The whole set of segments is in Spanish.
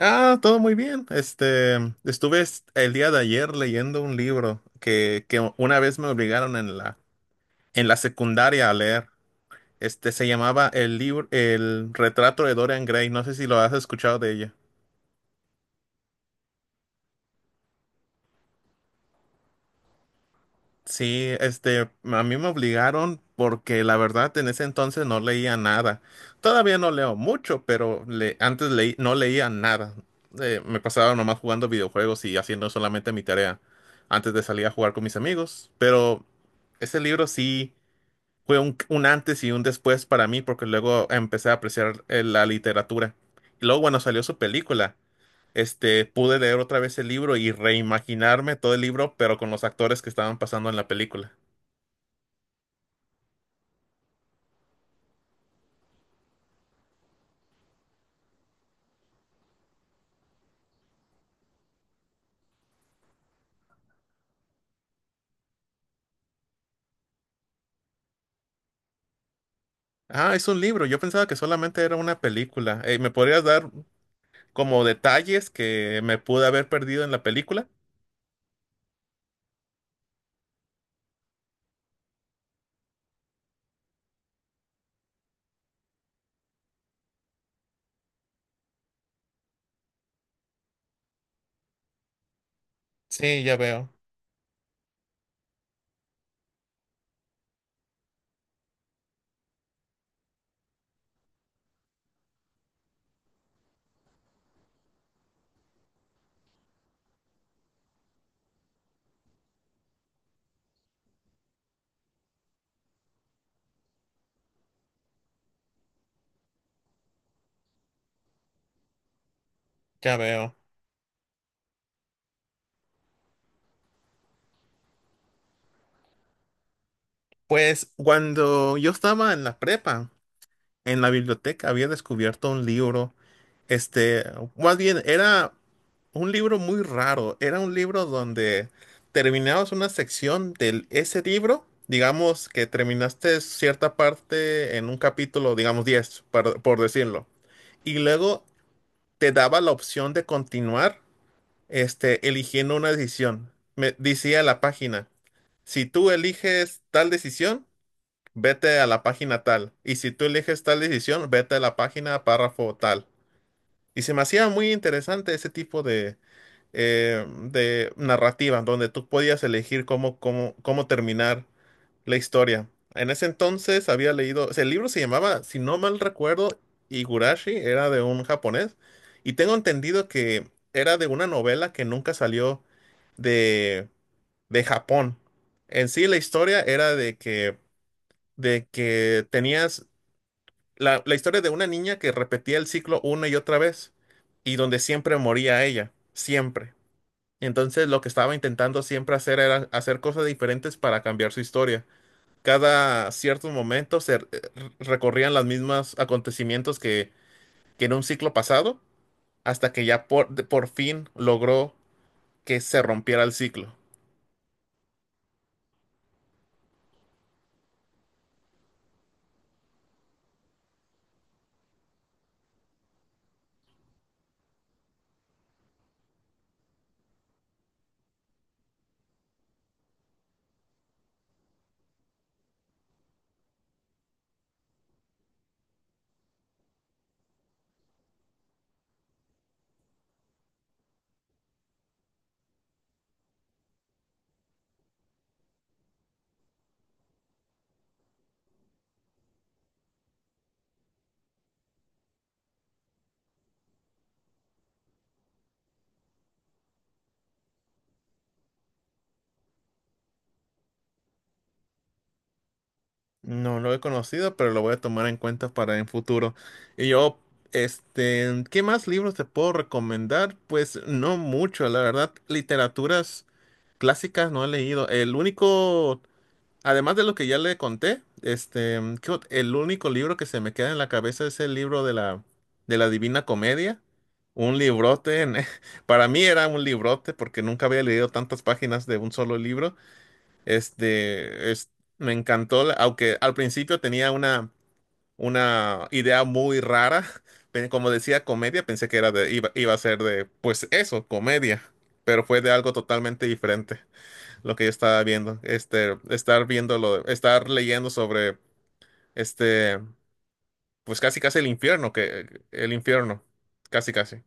Ah, todo muy bien. Estuve el día de ayer leyendo un libro que una vez me obligaron en en la secundaria a leer. Se llamaba el libro, El retrato de Dorian Gray. No sé si lo has escuchado de ella. Sí, a mí me obligaron porque la verdad en ese entonces no leía nada. Todavía no leo mucho, pero antes leí, no leía nada. Me pasaba nomás jugando videojuegos y haciendo solamente mi tarea antes de salir a jugar con mis amigos. Pero ese libro sí fue un antes y un después para mí porque luego empecé a apreciar la literatura. Y luego, bueno, salió su película. Pude leer otra vez el libro y reimaginarme todo el libro, pero con los actores que estaban pasando en la película. Ah, es un libro. Yo pensaba que solamente era una película. ¿Me podrías dar como detalles que me pude haber perdido en la película? Sí, ya veo, ya veo. Pues cuando yo estaba en la prepa, en la biblioteca había descubierto un libro, este, más bien era un libro muy raro. Era un libro donde terminabas una sección de ese libro, digamos que terminaste cierta parte en un capítulo, digamos 10, por decirlo. Y luego te daba la opción de continuar, eligiendo una decisión. Me decía la página, si tú eliges tal decisión, vete a la página tal. Y si tú eliges tal decisión, vete a la página párrafo tal. Y se me hacía muy interesante ese tipo de narrativa, donde tú podías elegir cómo terminar la historia. En ese entonces había leído, o sea, el libro se llamaba, si no mal recuerdo, Higurashi, era de un japonés, y tengo entendido que era de una novela que nunca salió de, de Japón. En sí, la historia era de que tenías la historia de una niña que repetía el ciclo una y otra vez, y donde siempre moría ella, siempre. Entonces, lo que estaba intentando siempre hacer era hacer cosas diferentes para cambiar su historia cada ciertos momentos recorrían los mismos acontecimientos que en un ciclo pasado, hasta que ya por fin logró que se rompiera el ciclo. No lo he conocido, pero lo voy a tomar en cuenta para en futuro. Y yo, ¿qué más libros te puedo recomendar? Pues no mucho, la verdad, literaturas clásicas no he leído. El único además de lo que ya le conté, el único libro que se me queda en la cabeza es el libro de de la Divina Comedia. Un librote, para mí era un librote porque nunca había leído tantas páginas de un solo libro. Este, es, me encantó, aunque al principio tenía una idea muy rara. Como decía comedia, pensé que era de, iba a ser de, pues eso, comedia, pero fue de algo totalmente diferente lo que yo estaba viendo. Estar leyendo sobre este, pues casi casi el infierno, que el infierno, casi casi.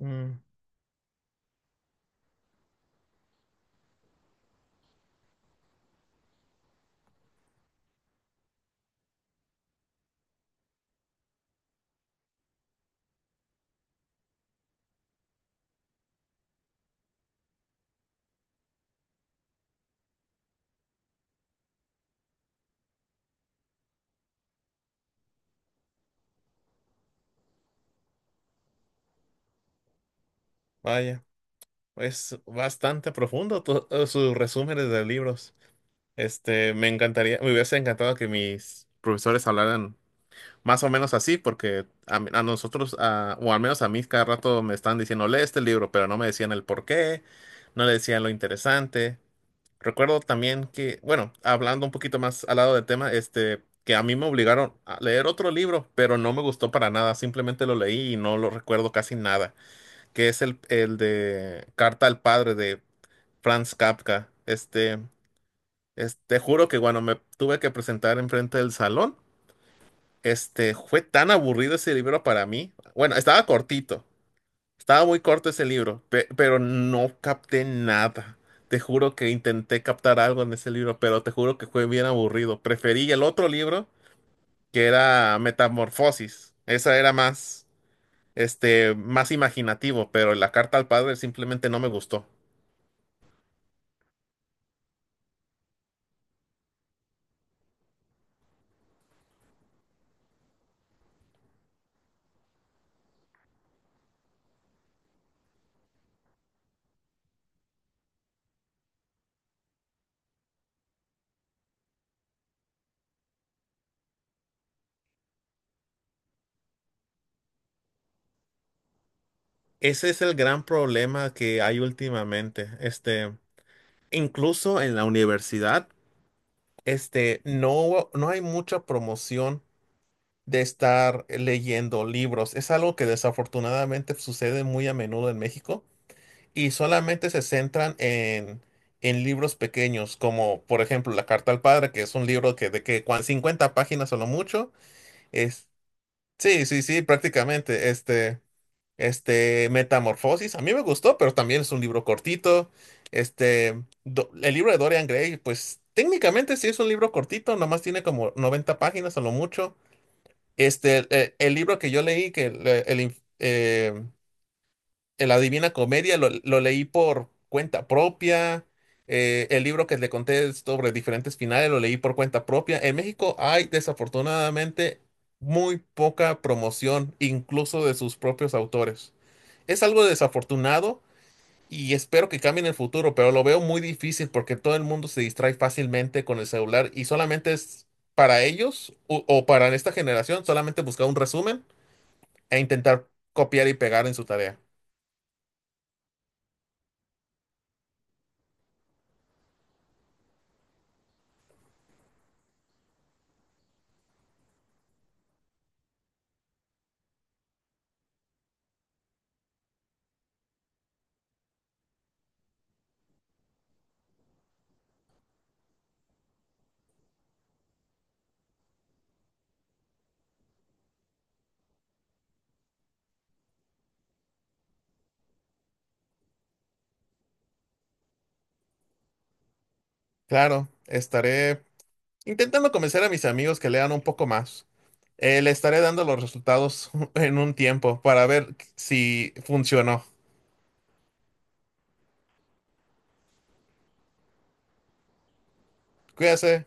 Mm, vaya, es bastante profundo sus resúmenes de libros. Me encantaría, me hubiese encantado que mis profesores hablaran más o menos así, porque a nosotros, o al menos a mí, cada rato me están diciendo, lee este libro, pero no me decían el por qué, no le decían lo interesante. Recuerdo también que, bueno, hablando un poquito más al lado del tema, que a mí me obligaron a leer otro libro, pero no me gustó para nada, simplemente lo leí y no lo recuerdo casi nada, que es el de Carta al Padre de Franz Kafka. Este, juro que cuando me tuve que presentar enfrente del salón, fue tan aburrido ese libro para mí. Bueno, estaba cortito, estaba muy corto ese libro, pero no capté nada. Te juro que intenté captar algo en ese libro, pero te juro que fue bien aburrido. Preferí el otro libro, que era Metamorfosis. Esa era más, más imaginativo, pero la carta al padre simplemente no me gustó. Ese es el gran problema que hay últimamente. Incluso en la universidad, no hay mucha promoción de estar leyendo libros. Es algo que desafortunadamente sucede muy a menudo en México y solamente se centran en libros pequeños, como por ejemplo La Carta al Padre, que es un libro que de 50 páginas o lo mucho. Es, sí, sí, sí, prácticamente. Este, Metamorfosis, a mí me gustó, pero también es un libro cortito. El libro de Dorian Gray, pues técnicamente sí es un libro cortito, nomás tiene como 90 páginas a lo mucho. Libro que yo leí, que el inf- el Adivina Comedia, lo leí por cuenta propia. El libro que le conté sobre diferentes finales, lo leí por cuenta propia. En México hay desafortunadamente muy poca promoción, incluso de sus propios autores. Es algo desafortunado y espero que cambie en el futuro, pero lo veo muy difícil porque todo el mundo se distrae fácilmente con el celular y solamente es para ellos o para esta generación, solamente buscar un resumen e intentar copiar y pegar en su tarea. Claro, estaré intentando convencer a mis amigos que lean un poco más. Le estaré dando los resultados en un tiempo para ver si funcionó. Cuídese.